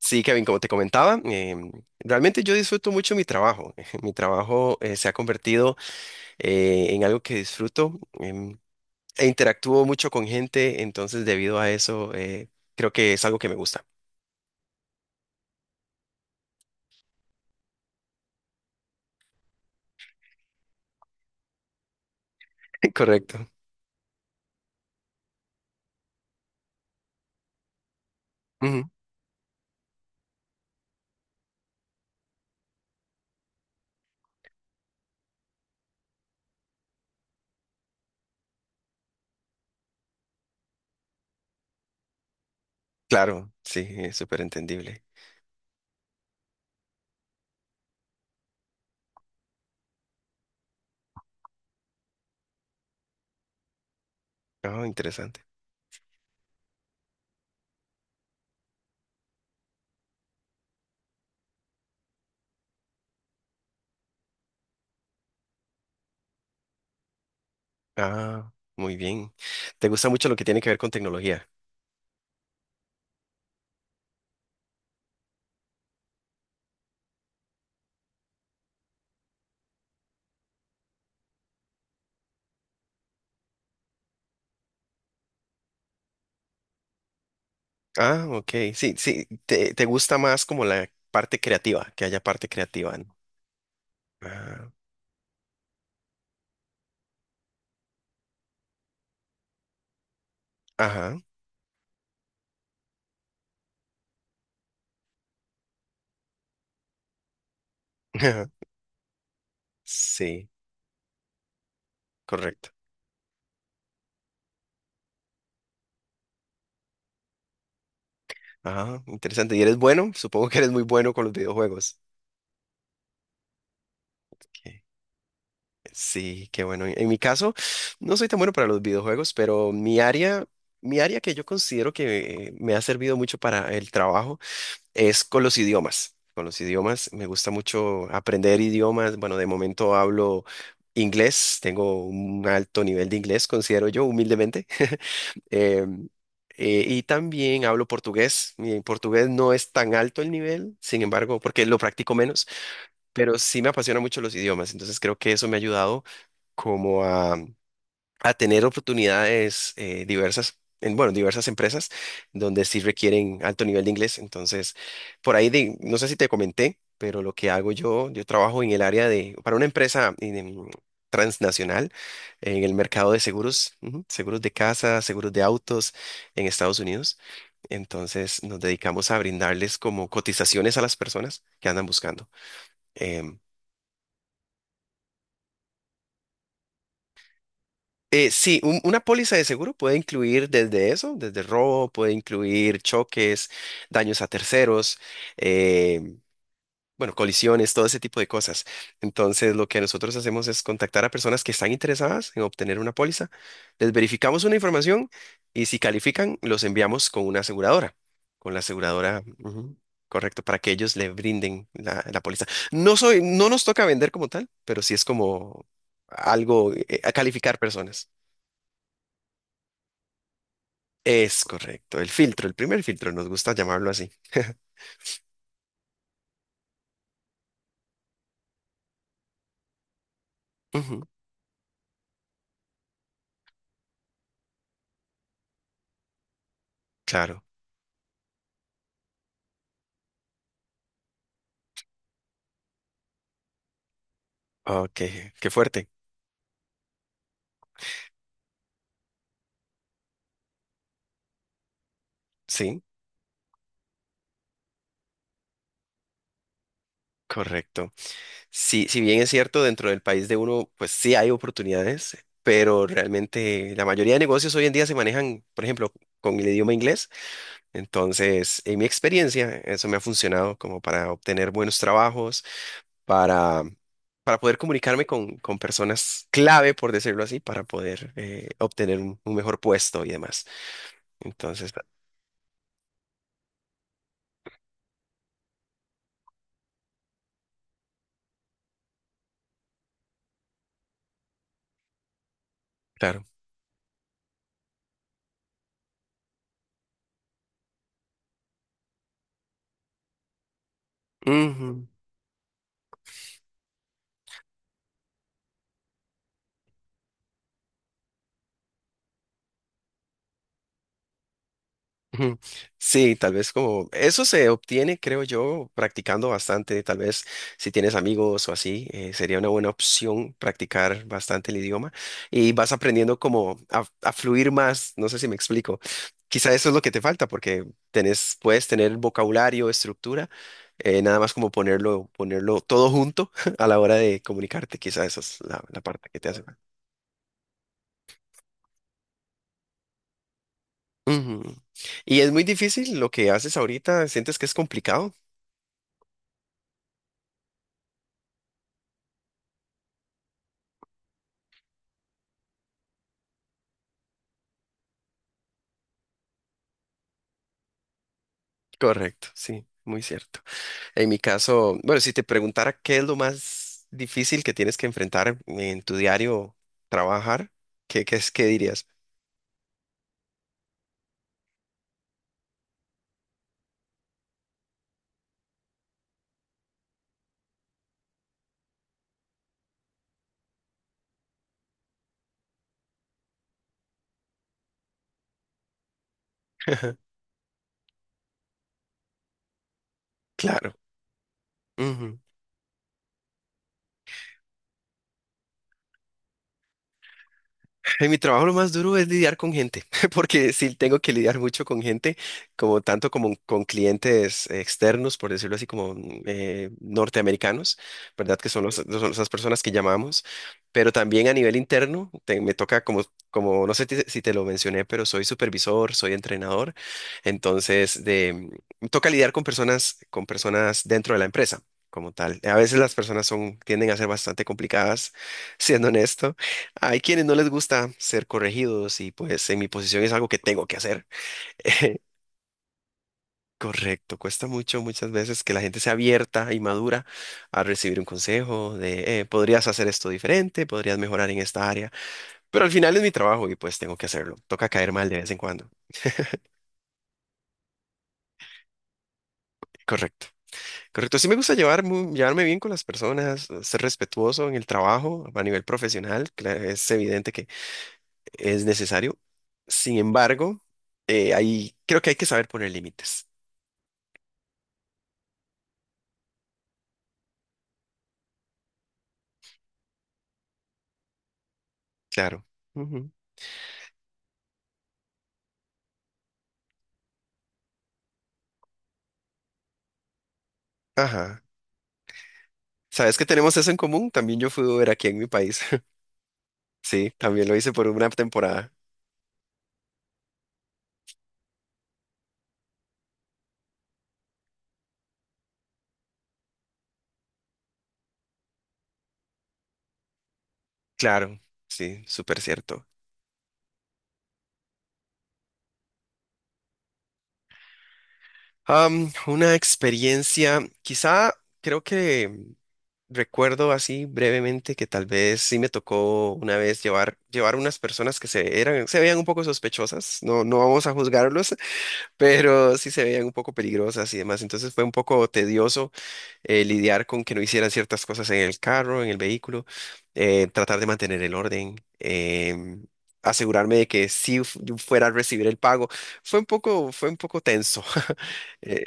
Sí, Kevin, como te comentaba, realmente yo disfruto mucho mi trabajo. Mi trabajo se ha convertido en algo que disfruto, e interactúo mucho con gente, entonces debido a eso, creo que es algo que me gusta. Correcto. Ujú. Claro, sí, es súper entendible. Ah, interesante. Ah, muy bien. ¿Te gusta mucho lo que tiene que ver con tecnología? Ah, ok, sí, sí, te gusta más como la parte creativa, que haya parte creativa, ¿no? Ah, ajá. Sí. Correcto. Ajá, interesante. ¿Y eres bueno? Supongo que eres muy bueno con los videojuegos. Ok. Sí, qué bueno. En mi caso, no soy tan bueno para los videojuegos, pero mi área que yo considero que me ha servido mucho para el trabajo es con los idiomas. Con los idiomas, me gusta mucho aprender idiomas. Bueno, de momento hablo inglés, tengo un alto nivel de inglés, considero yo, humildemente. Em, y también hablo portugués. Mi portugués no es tan alto el nivel, sin embargo, porque lo practico menos, pero sí me apasiona mucho los idiomas. Entonces creo que eso me ha ayudado como a tener oportunidades, diversas, en, bueno, diversas empresas donde sí requieren alto nivel de inglés. Entonces, por ahí, no sé si te comenté, pero lo que hago yo, yo trabajo en el área de, para una empresa, transnacional en el mercado de seguros, ujú, seguros de casa, seguros de autos en Estados Unidos. Entonces, nos dedicamos a brindarles como cotizaciones a las personas que andan buscando. Em, sí, una póliza de seguro puede incluir desde eso, desde robo, puede incluir choques, daños a terceros, eh, bueno, colisiones, todo ese tipo de cosas. Entonces, lo que nosotros hacemos es contactar a personas que están interesadas en obtener una póliza, les verificamos una información y si califican, los enviamos con una aseguradora, con la aseguradora, ujú, correcto, para que ellos le brinden la póliza. No nos toca vender como tal, pero sí es como algo, a calificar personas. Es correcto, el filtro, el primer filtro, nos gusta llamarlo así. Ujú, claro. Ok, qué fuerte. Sí, correcto. Sí, si bien es cierto, dentro del país de uno, pues sí hay oportunidades, pero realmente la mayoría de negocios hoy en día se manejan, por ejemplo, con el idioma inglés. Entonces, en mi experiencia, eso me ha funcionado como para obtener buenos trabajos, para, para poder comunicarme con personas clave, por decirlo así, para poder, obtener un mejor puesto y demás. Entonces, claro. Ujú, ujú. Sí, tal vez como eso se obtiene, creo yo, practicando bastante. Tal vez si tienes amigos o así, sería una buena opción practicar bastante el idioma y vas aprendiendo como a fluir más. No sé si me explico. Quizá eso es lo que te falta porque tenés, puedes tener vocabulario, estructura, nada más como ponerlo todo junto a la hora de comunicarte. Quizá esa es la parte que te hace. Ujú. Y es muy difícil lo que haces ahorita, sientes que es complicado. Correcto, sí, muy cierto. En mi caso, bueno, si te preguntara qué es lo más difícil que tienes que enfrentar en tu diario trabajar, qué dirías? Claro. Ujú. En mi trabajo lo más duro es lidiar con gente, porque sí tengo que lidiar mucho con gente, como tanto como con clientes externos, por decirlo así, como norteamericanos, ¿verdad? Que son, los, son esas personas que llamamos, pero también a nivel interno, me toca como, como, si te lo mencioné, pero soy supervisor, soy entrenador, entonces de, me toca lidiar con personas dentro de la empresa como tal. A veces las personas son, tienden a ser bastante complicadas, siendo honesto, hay quienes no les gusta ser corregidos y pues en mi posición es algo que tengo que hacer. Correcto, cuesta mucho muchas veces que la gente sea abierta y madura a recibir un consejo de, podrías hacer esto diferente, podrías mejorar en esta área, pero al final es mi trabajo y pues tengo que hacerlo. Toca caer mal de vez en cuando. Correcto, correcto. Sí me gusta llevarme bien con las personas, ser respetuoso en el trabajo a nivel profesional, es evidente que es necesario. Sin embargo, ahí creo que hay que saber poner límites. Claro. Ujú. Ajá. ¿Sabes que tenemos eso en común? También yo fui Uber aquí en mi país. Sí, también lo hice por una temporada. Claro, sí, súper cierto. Una experiencia, quizá creo que recuerdo así brevemente que tal vez sí me tocó una vez llevar unas personas que se, eran, se veían un poco sospechosas. No, no vamos a juzgarlos, pero sí se veían un poco peligrosas y demás. Entonces fue un poco tedioso, lidiar con que no hicieran ciertas cosas en el carro, en el vehículo, tratar de mantener el orden, asegurarme de que yo fuera a recibir el pago. Fue un poco tenso. Eh,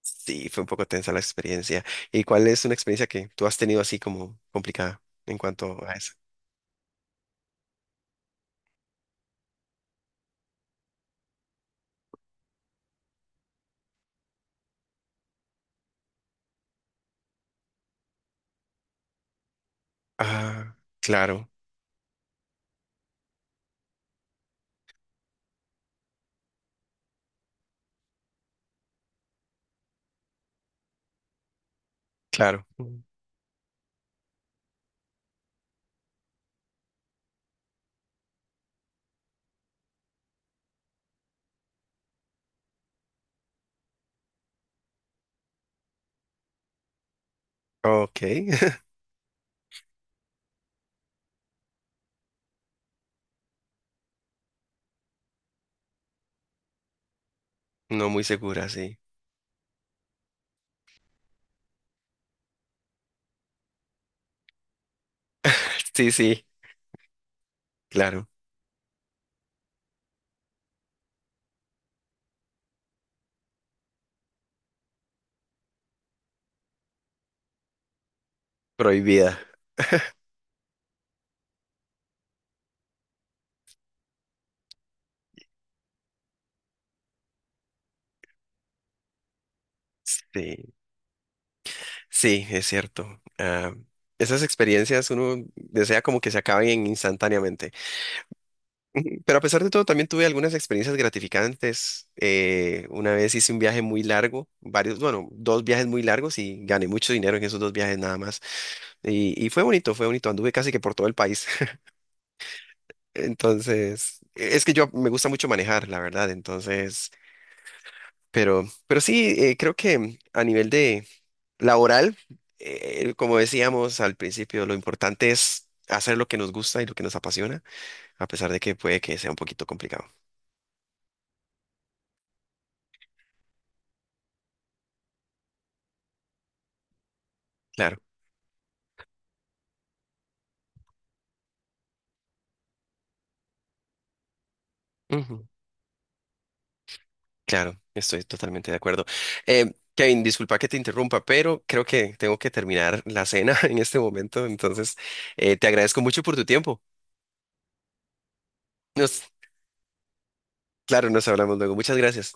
sí, fue un poco tensa la experiencia. ¿Y cuál es una experiencia que tú has tenido así como complicada en cuanto a eso? Ah, claro. Ok. No muy segura, sí. Sí, sí, claro. Prohibida. Sí, sí, es cierto. Ah, esas experiencias uno desea como que se acaben instantáneamente. Ujú. Pero a pesar de todo, también tuve algunas experiencias gratificantes. Una vez hice un viaje muy largo, varios, bueno, dos viajes muy largos y gané mucho dinero en esos dos viajes nada más. Y fue bonito, fue bonito. Anduve casi que por todo el país. Entonces, e, es que yo me gusta mucho manejar, la verdad. Entonces, pero sí, creo que a nivel laboral, como decíamos al principio, lo importante es hacer lo que nos gusta y lo que nos apasiona, a pesar de que puede que sea un poquito complicado. Claro. Ujú. Claro, estoy totalmente de acuerdo. Kevin, disculpa que te interrumpa, pero creo que tengo que terminar la cena en este momento, entonces, te agradezco mucho por tu tiempo. Nos, claro, nos hablamos luego. Muchas gracias.